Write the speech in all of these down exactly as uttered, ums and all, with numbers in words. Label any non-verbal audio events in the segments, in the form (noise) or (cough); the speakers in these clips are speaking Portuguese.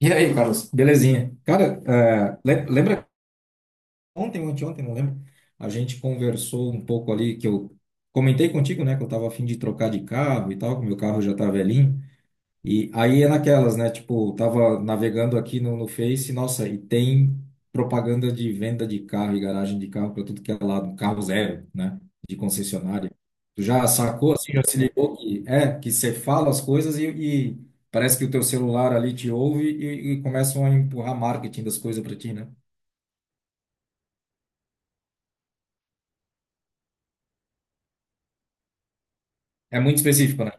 E aí, Carlos, belezinha? Cara, eh, le- lembra ontem, ontem, ontem, não lembro? A gente conversou um pouco ali que eu comentei contigo, né? Que eu tava a fim de trocar de carro e tal, que meu carro já tá velhinho. E aí é naquelas, né? Tipo, tava navegando aqui no, no Face, nossa, e tem propaganda de venda de carro e garagem de carro para tudo que é lado, carro zero, né? De concessionária. Tu já sacou assim, já se ligou que é, que você fala as coisas e, e parece que o teu celular ali te ouve e, e começam a empurrar marketing das coisas para ti, né? É muito específico, né?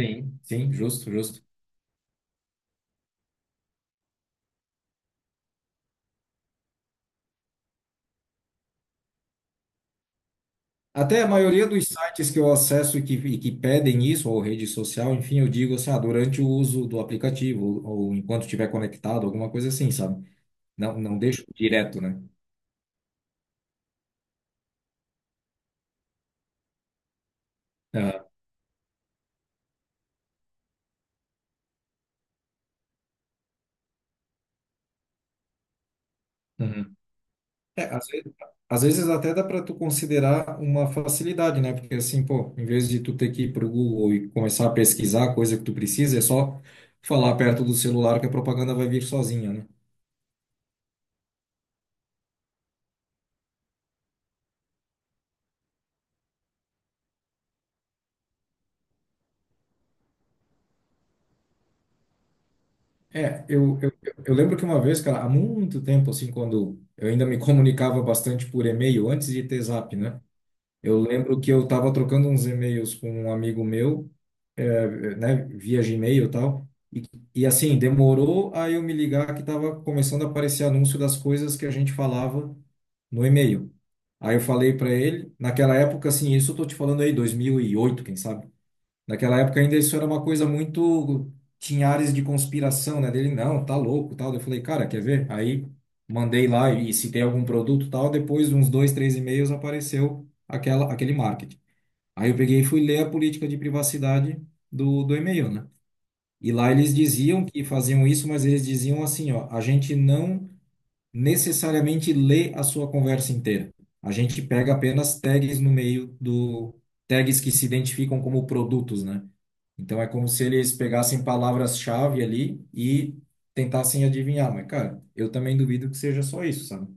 Sim, sim, justo, justo. Até a maioria dos sites que eu acesso e que, e que pedem isso, ou rede social, enfim, eu digo assim, ah, durante o uso do aplicativo, ou, ou enquanto estiver conectado, alguma coisa assim, sabe? Não, não deixo direto, né? Ah, uhum. É, às vezes, às vezes até dá para tu considerar uma facilidade, né? Porque assim, pô, em vez de tu ter que ir pro Google e começar a pesquisar a coisa que tu precisa, é só falar perto do celular que a propaganda vai vir sozinha, né? É, eu, eu, eu lembro que uma vez, cara, há muito tempo, assim, quando eu ainda me (laughs) comunicava bastante por e-mail, antes de ter Zap, né? Eu lembro que eu tava trocando uns e-mails com um amigo meu, é, né, via Gmail e tal, e, e assim, demorou a eu me ligar que tava começando a aparecer anúncio das coisas que a gente falava no e-mail. Aí eu falei para ele, naquela época, assim, isso eu tô te falando aí, dois mil e oito, quem sabe? Naquela época ainda isso era uma coisa muito. Tinha áreas de conspiração, né? Dele, não, tá louco, tal. Eu falei, cara, quer ver? Aí mandei lá e se tem algum produto, tal. Depois de uns dois, três e-mails apareceu aquela, aquele marketing. Aí eu peguei e fui ler a política de privacidade do, do e-mail, né? E lá eles diziam que faziam isso, mas eles diziam assim, ó, a gente não necessariamente lê a sua conversa inteira. A gente pega apenas tags no meio do tags que se identificam como produtos, né? Então é como se eles pegassem palavras-chave ali e tentassem adivinhar, mas cara, eu também duvido que seja só isso, sabe?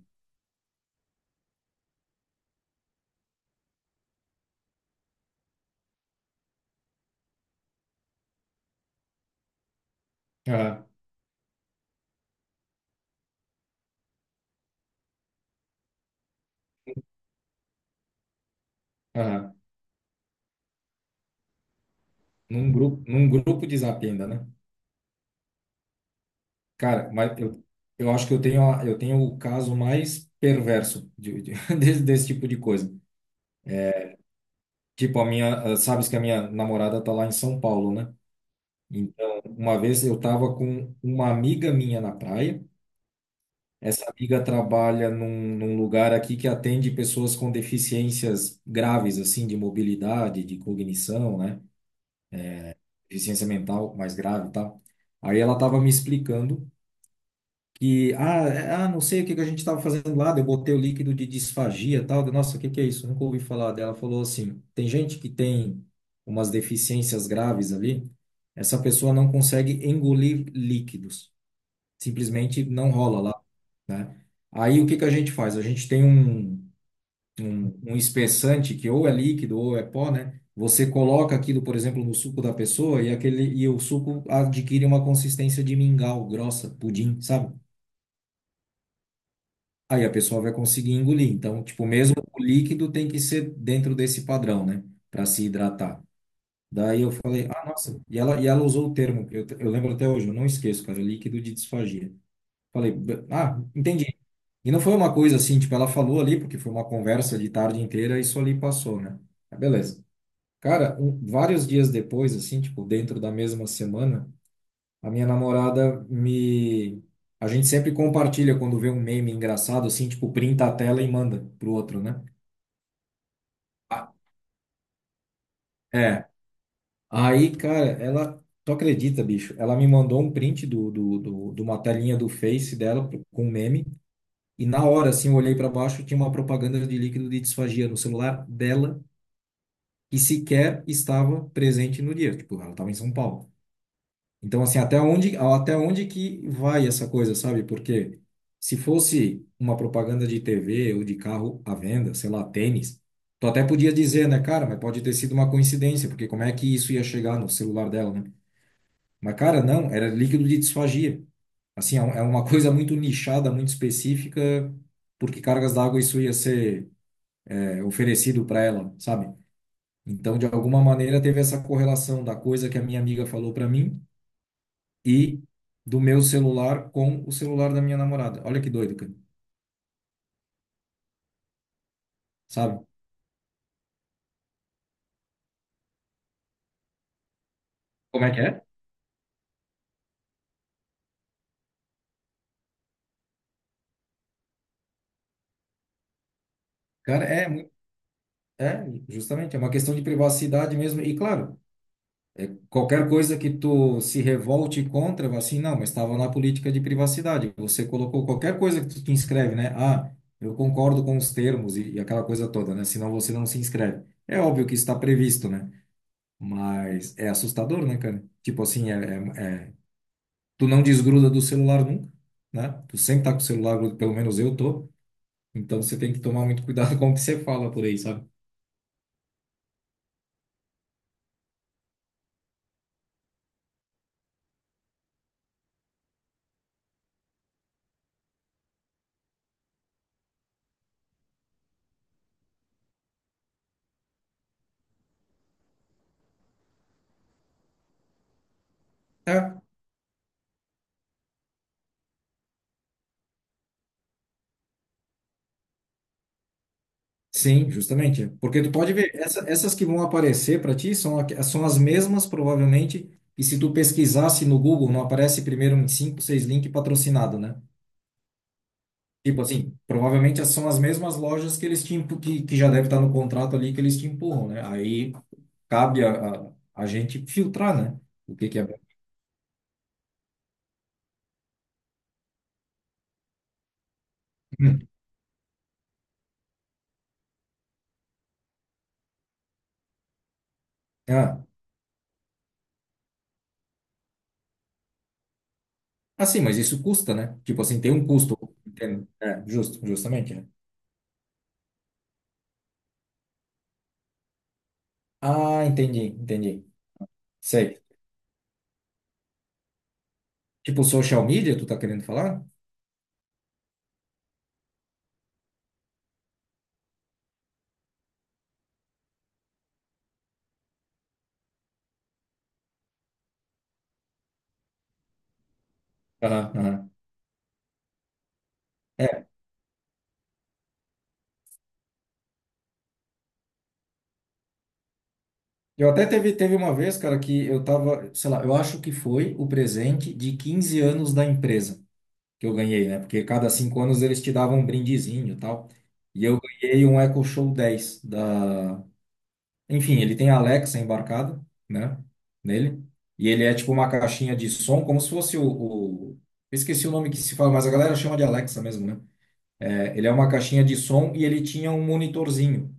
Aham, aham. Num grupo, num grupo de Zap ainda, né? Cara, mas eu, eu acho que eu tenho, a- eu tenho o caso mais perverso de, de- (laughs) desse, desse tipo de coisa. Tipo, a minha, ah, sabes que a minha namorada tá lá em São Paulo, né? Então, uma vez eu estava com uma amiga minha na praia. Essa amiga trabalha num, num lugar aqui que atende pessoas com deficiências graves, assim, de mobilidade, de cognição, né? Deficiência mental mais grave e tal. Aí ela estava me explicando que, ah, é- ah, não sei o que que a gente estava fazendo lá, daí eu botei o líquido de disfagia e tal. Eu, nossa, o que que é isso? Nunca ouvi falar dela. Ela falou assim: tem gente que tem umas deficiências graves ali, essa pessoa não consegue engolir líquidos, simplesmente não rola lá, né? Aí o que que a gente faz? A gente tem um, um, um espessante que ou é líquido ou é pó, né? Você coloca aquilo, por exemplo, no suco da pessoa e aquele e o suco adquire uma consistência de mingau, grossa, pudim, sabe? Aí a pessoa vai conseguir engolir. Então, tipo, mesmo o líquido tem que ser dentro desse padrão, né? Para se hidratar. Daí eu falei, ah, nossa, e ela, e ela usou o termo, eu, eu lembro até hoje, eu não esqueço, cara, líquido de disfagia. Falei, "B- ah, entendi." E não foi uma coisa assim, tipo, ela falou ali, porque foi uma conversa de tarde inteira e isso ali passou, né? Mas beleza. Cara, um- vários dias depois, assim, tipo, dentro da mesma semana, a minha namorada me. A gente sempre compartilha quando vê um meme engraçado, assim, tipo, printa a tela e manda pro outro, né? Ah, é. Aí, cara, ela. Tu acredita, bicho? Ela me mandou um print do, do, do, de uma telinha do Face dela com um meme. E na hora, assim, eu olhei para baixo, tinha uma propaganda de líquido de disfagia no celular dela e sequer estava presente no dia. Tipo, ela estava em São Paulo. Então, assim, até onde, até onde que vai essa coisa, sabe? Porque se fosse uma propaganda de T V ou de carro à venda, sei lá, tênis, tu até podia dizer, né, cara, mas pode ter sido uma coincidência, porque como é que isso ia chegar no celular dela, né? Mas, cara, não, era líquido de disfagia. Assim, é um- é uma (laughs) coisa muito nichada, muito específica, porque cargas d'água isso ia ser é, oferecido para ela, sabe? Então, de alguma maneira, teve essa correlação da coisa que a minha amiga falou para mim e do meu celular com o celular da minha namorada. Olha que doido, cara. Sabe? Como é que é? Cara, é, mu- é, justamente, é uma questão de privacidade mesmo. E claro, qualquer coisa que tu se revolte contra, vai assim, não, mas estava na política de privacidade. Você colocou qualquer coisa que tu te inscreve, né? Ah, eu concordo com os termos e, e aquela coisa toda, né? Senão você não se inscreve. É óbvio que está previsto, né? Mas é assustador, né, cara? Tipo assim, é, é- é- tu não desgruda do celular nunca, né? Tu sempre tá com o celular, grudo, pelo menos eu tô. Então você tem que tomar muito cuidado (laughs) com o que você fala por aí, sabe? É. Sim, justamente. Porque tu pode ver, essa- essas que vão aparecer para ti são, aqu- são as mesmas, provavelmente. E se tu pesquisasse no Google, não aparece primeiro uns cinco, seis links patrocinado, né? Tipo assim, provavelmente são as mesmas lojas que eles te empu- que, que já deve estar no contrato ali que eles te empurram, né? Aí cabe a, a, a gente filtrar, né? O que que é. Hum. Ah, assim, mas isso custa, né? Tipo assim, tem um custo. Entende? É, justo, justamente, né? Ah, entendi, entendi. Sei. Tipo social media, tu tá querendo falar? Aham, aham. É, eu até teve, teve uma vez, cara, que eu tava, sei lá, eu acho que foi o presente de quinze anos da empresa que eu ganhei, né? Porque cada cinco anos eles te davam um brindezinho e tal. E eu ganhei um Echo Show dez da. Enfim, ele tem a Alexa embarcada, né? Nele. E ele é tipo uma caixinha de som, como se fosse o, o... eu esqueci o nome que se fala, mas a galera chama de Alexa mesmo, né? É, ele é uma caixinha de som e ele tinha um monitorzinho.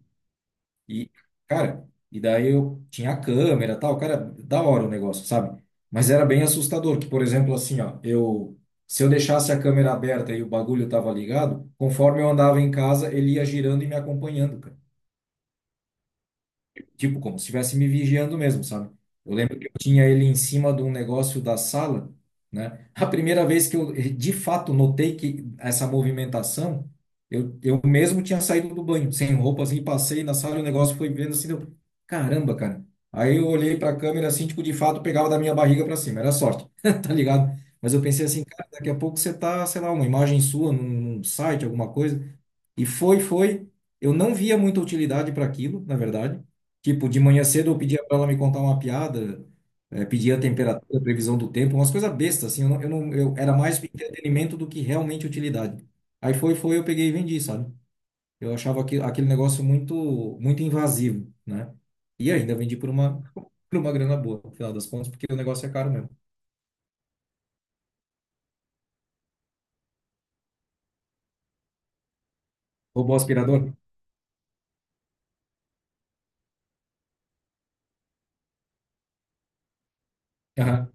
E, cara, e daí eu tinha a câmera e tal, cara, da hora o negócio, sabe? Mas era bem assustador, que, por exemplo, assim, ó, eu, se eu deixasse a câmera aberta e o bagulho tava ligado, conforme eu andava em casa, ele ia girando e me acompanhando, cara. Tipo, como se estivesse me vigiando mesmo, sabe? Eu lembro que eu tinha ele em cima de um negócio da sala, né? A primeira vez que eu, de fato, notei que essa movimentação, eu, eu mesmo tinha saído do banho, sem roupa, assim, passei na sala e o negócio foi vendo assim, eu, caramba, cara. Aí eu olhei para a câmera assim, tipo, de fato, pegava da minha barriga para cima, era sorte, (laughs) tá ligado? Mas eu pensei assim, cara, daqui a pouco você tá, sei lá, uma imagem sua num num site, alguma coisa. E foi, foi. Eu não via muita utilidade para aquilo, na verdade. Tipo, de manhã cedo eu pedia pra ela me contar uma piada, eh, pedia a temperatura, a previsão do tempo, umas coisas bestas, assim, eu não, eu não, eu era mais entretenimento do que realmente utilidade. Aí foi, foi, eu peguei e vendi, sabe? Eu achava aquilo, aquele negócio muito, muito invasivo, né? E ainda vendi por uma, (laughs) por uma grana boa, no final das contas, porque o negócio é caro mesmo. Robô aspirador? Aham.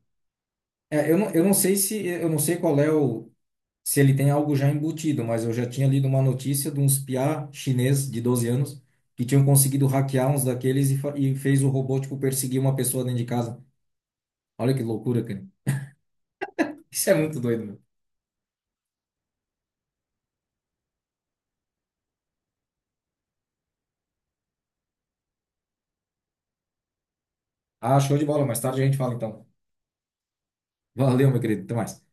É, eu não, eu não sei se, eu não sei qual é o, se ele tem algo já embutido, mas eu já tinha lido uma notícia de uns piá chinês de doze anos que tinham conseguido hackear uns daqueles e, fa- e fez o robô, tipo, perseguir uma pessoa dentro de casa. Olha que loucura, cara. Isso é muito doido, meu. Ah, show de bola. Mais tarde a gente fala, então. Valeu, meu querido. Até mais.